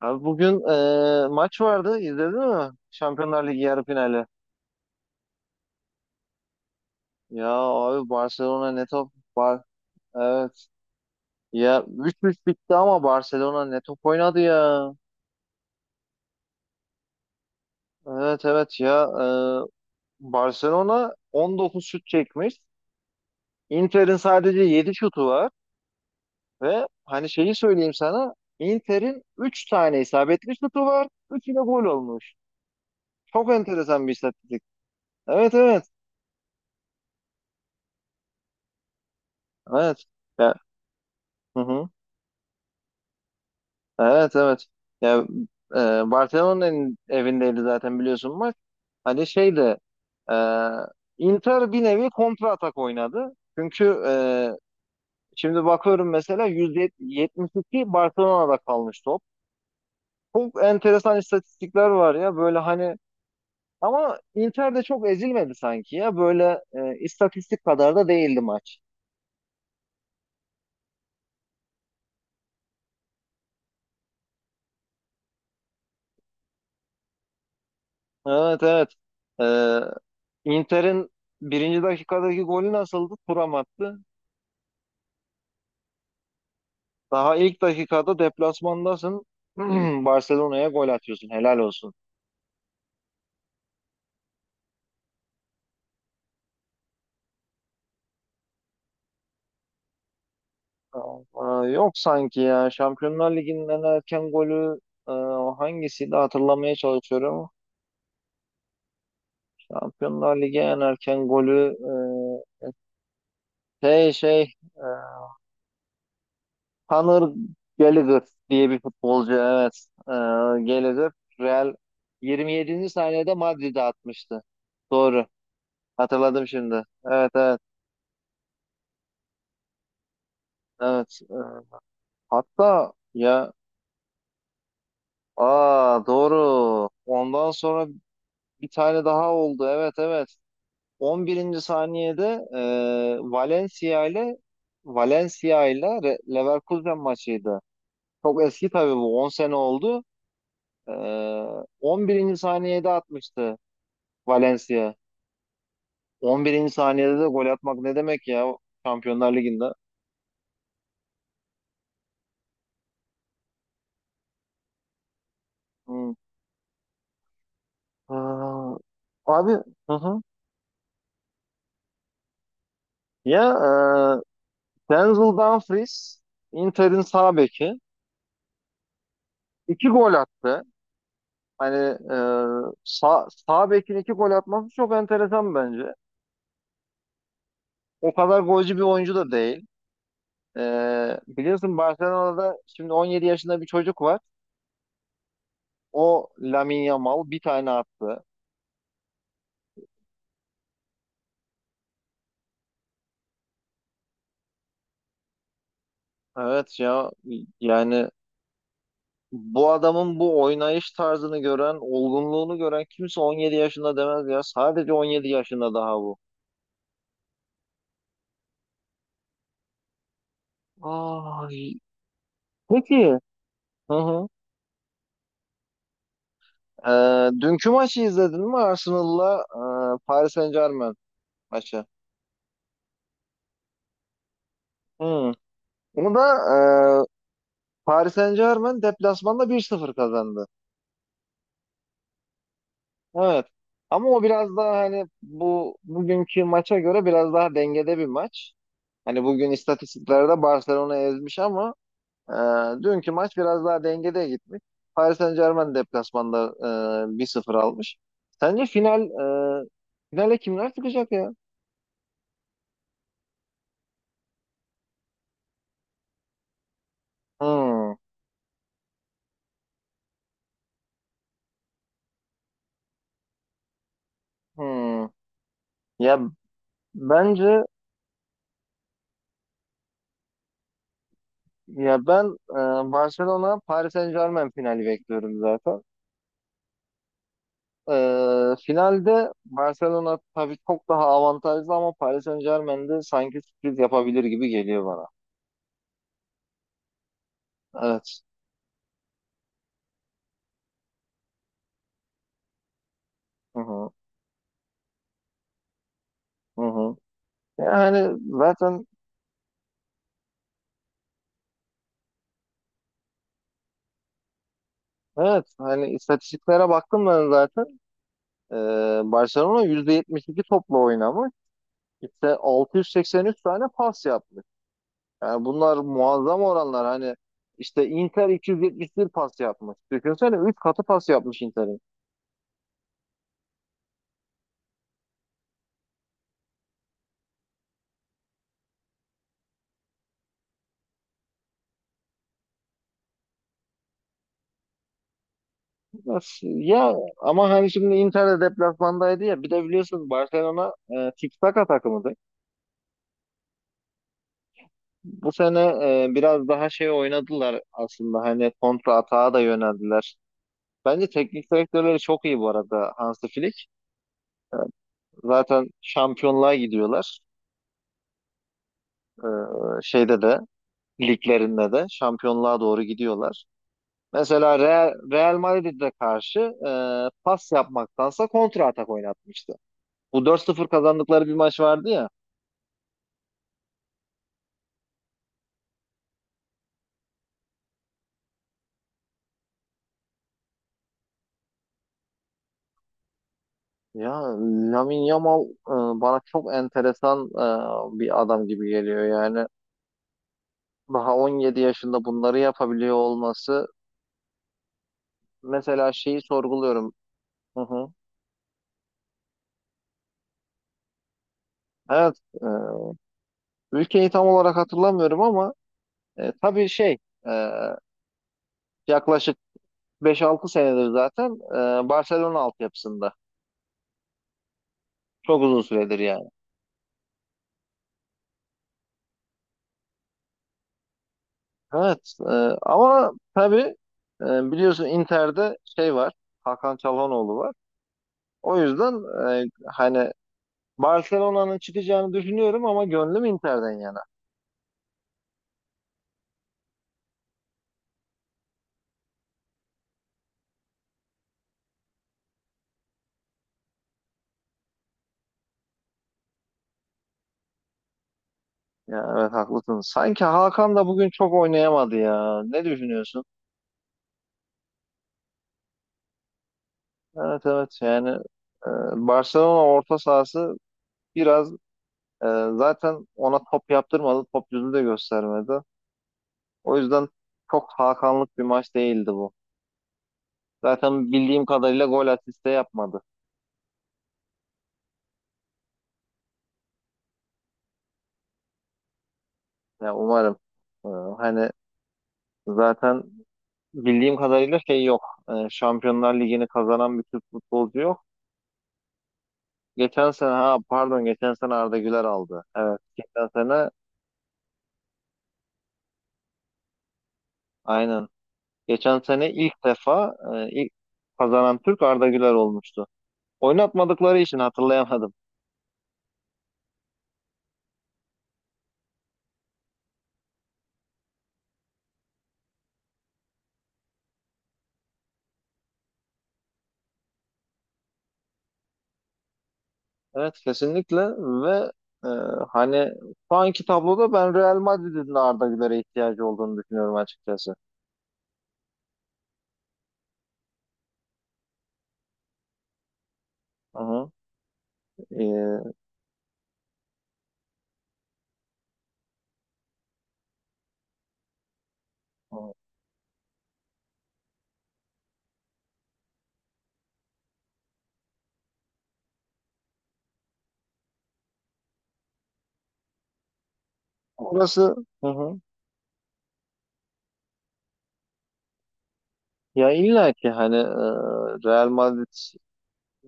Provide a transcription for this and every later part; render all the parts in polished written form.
Abi bugün maç vardı. İzledin mi? Şampiyonlar Ligi yarı finali. Ya abi, Barcelona ne top var. Evet. Ya 3-3 bitti ama Barcelona ne top oynadı ya. Evet, evet, ya. Barcelona 19 şut çekmiş. Inter'in sadece 7 şutu var. Ve hani, şeyi söyleyeyim sana. Inter'in 3 tane isabetli şutu var. 3'ü de gol olmuş. Çok enteresan bir istatistik. Evet, evet. Evet. Ya. Hı hı. Evet, evet. Ya, e, Barcelona'nın evindeydi zaten, biliyorsun, maç. Hani şey de e, Inter bir nevi kontra atak oynadı. Çünkü şimdi bakıyorum, mesela %72 Barcelona'da kalmış top. Çok enteresan istatistikler var ya böyle, hani, ama Inter de çok ezilmedi sanki ya, böyle istatistik kadar da değildi maç. Evet, evet. E, Inter'in birinci dakikadaki golü nasıldı? Thuram attı. Daha ilk dakikada deplasmandasın. Barcelona'ya gol atıyorsun. Helal olsun. Aa, yok sanki ya. Şampiyonlar Ligi'nin en erken golü, o hangisiydi, hatırlamaya çalışıyorum. Şampiyonlar Ligi en erken golü, e, şey şey e, Conor Gallagher diye bir futbolcu, evet, Gallagher Real 27. saniyede Madrid'e atmıştı. Doğru. Hatırladım şimdi. Evet, evet, evet. Hatta ya. Aa, doğru. Ondan sonra bir tane daha oldu. Evet, evet. 11. saniyede e, Valencia ile Valencia ile Leverkusen maçıydı. Çok eski tabii bu. 10 sene oldu. E, on birinci saniyede atmıştı Valencia. 11. saniyede de gol atmak ne demek ya, Şampiyonlar Ligi'nde? Hı. Aa, abi, hı hı. Ya, Denzel Dumfries Inter'in sağ beki. İki gol attı. Hani, e, sağ bekin iki gol atması çok enteresan bence. O kadar golcü bir oyuncu da değil. E, biliyorsun Barcelona'da şimdi 17 yaşında bir çocuk var. O Lamine Yamal bir tane attı. Evet ya, yani bu adamın bu oynayış tarzını gören, olgunluğunu gören kimse 17 yaşında demez ya. Sadece 17 yaşında daha bu. Ay, peki. Hı hı. E, dünkü maçı izledin mi, Arsenal'la Paris Saint-Germain maçı? Hı. Onu da e, Paris Saint-Germain deplasmanda 1-0 kazandı. Evet. Ama o biraz daha, hani, bu bugünkü maça göre biraz daha dengede bir maç. Hani bugün istatistiklerde Barcelona ezmiş ama e, dünkü maç biraz daha dengede gitmiş. Paris Saint-Germain deplasmanda 1-0 almış. Sence e, finale kimler çıkacak ya? Hmm. Hmm. Ya bence, ya ben, Barcelona Paris Saint-Germain finali bekliyorum zaten. Finalde Barcelona tabii çok daha avantajlı ama Paris Saint-Germain de sanki sürpriz yapabilir gibi geliyor bana. Evet. Hı hı. Hı hı. Yani zaten evet, hani, istatistiklere baktım ben zaten. Ee, Barcelona %72 topla oynamış. İşte 683 tane pas yapmış. Yani bunlar muazzam oranlar. Hani işte Inter 271 pas yapmış. Düşünsene 3 katı pas yapmış Inter. Nasıl? Ya ama hani şimdi Inter de deplasmandaydı ya. Bir de biliyorsunuz Barcelona tiki-taka takımıdır. Bu sene biraz daha şey oynadılar aslında. Hani kontra atağa da yöneldiler. Bence teknik direktörleri çok iyi bu arada, Hansi Flick. Zaten şampiyonluğa gidiyorlar. E, şeyde de liglerinde de şampiyonluğa doğru gidiyorlar. Mesela Real Madrid'e karşı e, pas yapmaktansa kontra atak oynatmıştı. Bu 4-0 kazandıkları bir maç vardı ya. Ya Lamine Yamal bana çok enteresan, bir adam gibi geliyor yani. Daha 17 yaşında bunları yapabiliyor olması, mesela, şeyi sorguluyorum. Hı hı. Evet, ülkeyi tam olarak hatırlamıyorum ama tabii şey, e, yaklaşık 5-6 senedir zaten Barcelona altyapısında. Çok uzun süredir yani. Evet, ama tabii, biliyorsun Inter'de şey var, Hakan Çalhanoğlu var. O yüzden hani Barcelona'nın çıkacağını düşünüyorum ama gönlüm Inter'den yana. Ya evet, haklısın. Sanki Hakan da bugün çok oynayamadı ya. Ne düşünüyorsun? Evet, evet, yani e, Barcelona orta sahası biraz, e, zaten ona top yaptırmadı. Top yüzü de göstermedi. O yüzden çok Hakanlık bir maç değildi bu. Zaten bildiğim kadarıyla gol asiste yapmadı. Ya umarım. E, hani zaten bildiğim kadarıyla şey yok. Şampiyonlar Ligi'ni kazanan bir Türk futbolcu yok. Geçen sene, ha pardon, geçen sene Arda Güler aldı. Evet, geçen sene aynen. Geçen sene ilk defa, ilk kazanan Türk, Arda Güler olmuştu. Oynatmadıkları için hatırlayamadım. Evet, kesinlikle. Ve e, hani şu anki tabloda ben Real Madrid'in de Arda Güler'e ihtiyacı olduğunu düşünüyorum açıkçası. Hı hı. E, orası. Hı hı. Ya illa ki hani, Real Madrid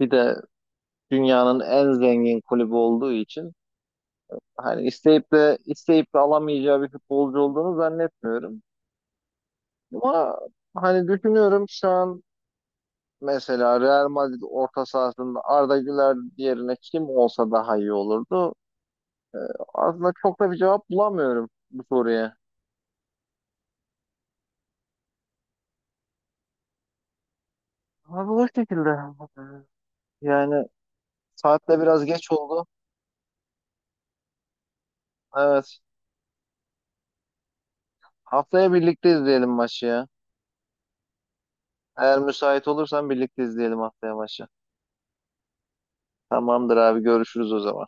bir de dünyanın en zengin kulübü olduğu için, hani, isteyip de isteyip de alamayacağı bir futbolcu olduğunu zannetmiyorum. Ama hani düşünüyorum şu an, mesela Real Madrid orta sahasında Arda Güler yerine kim olsa daha iyi olurdu. Aslında çok da bir cevap bulamıyorum bu soruya. Abi, o şekilde. Yani saat de biraz geç oldu. Evet. Haftaya birlikte izleyelim maçı ya. Eğer müsait olursan birlikte izleyelim haftaya maçı. Tamamdır abi, görüşürüz o zaman.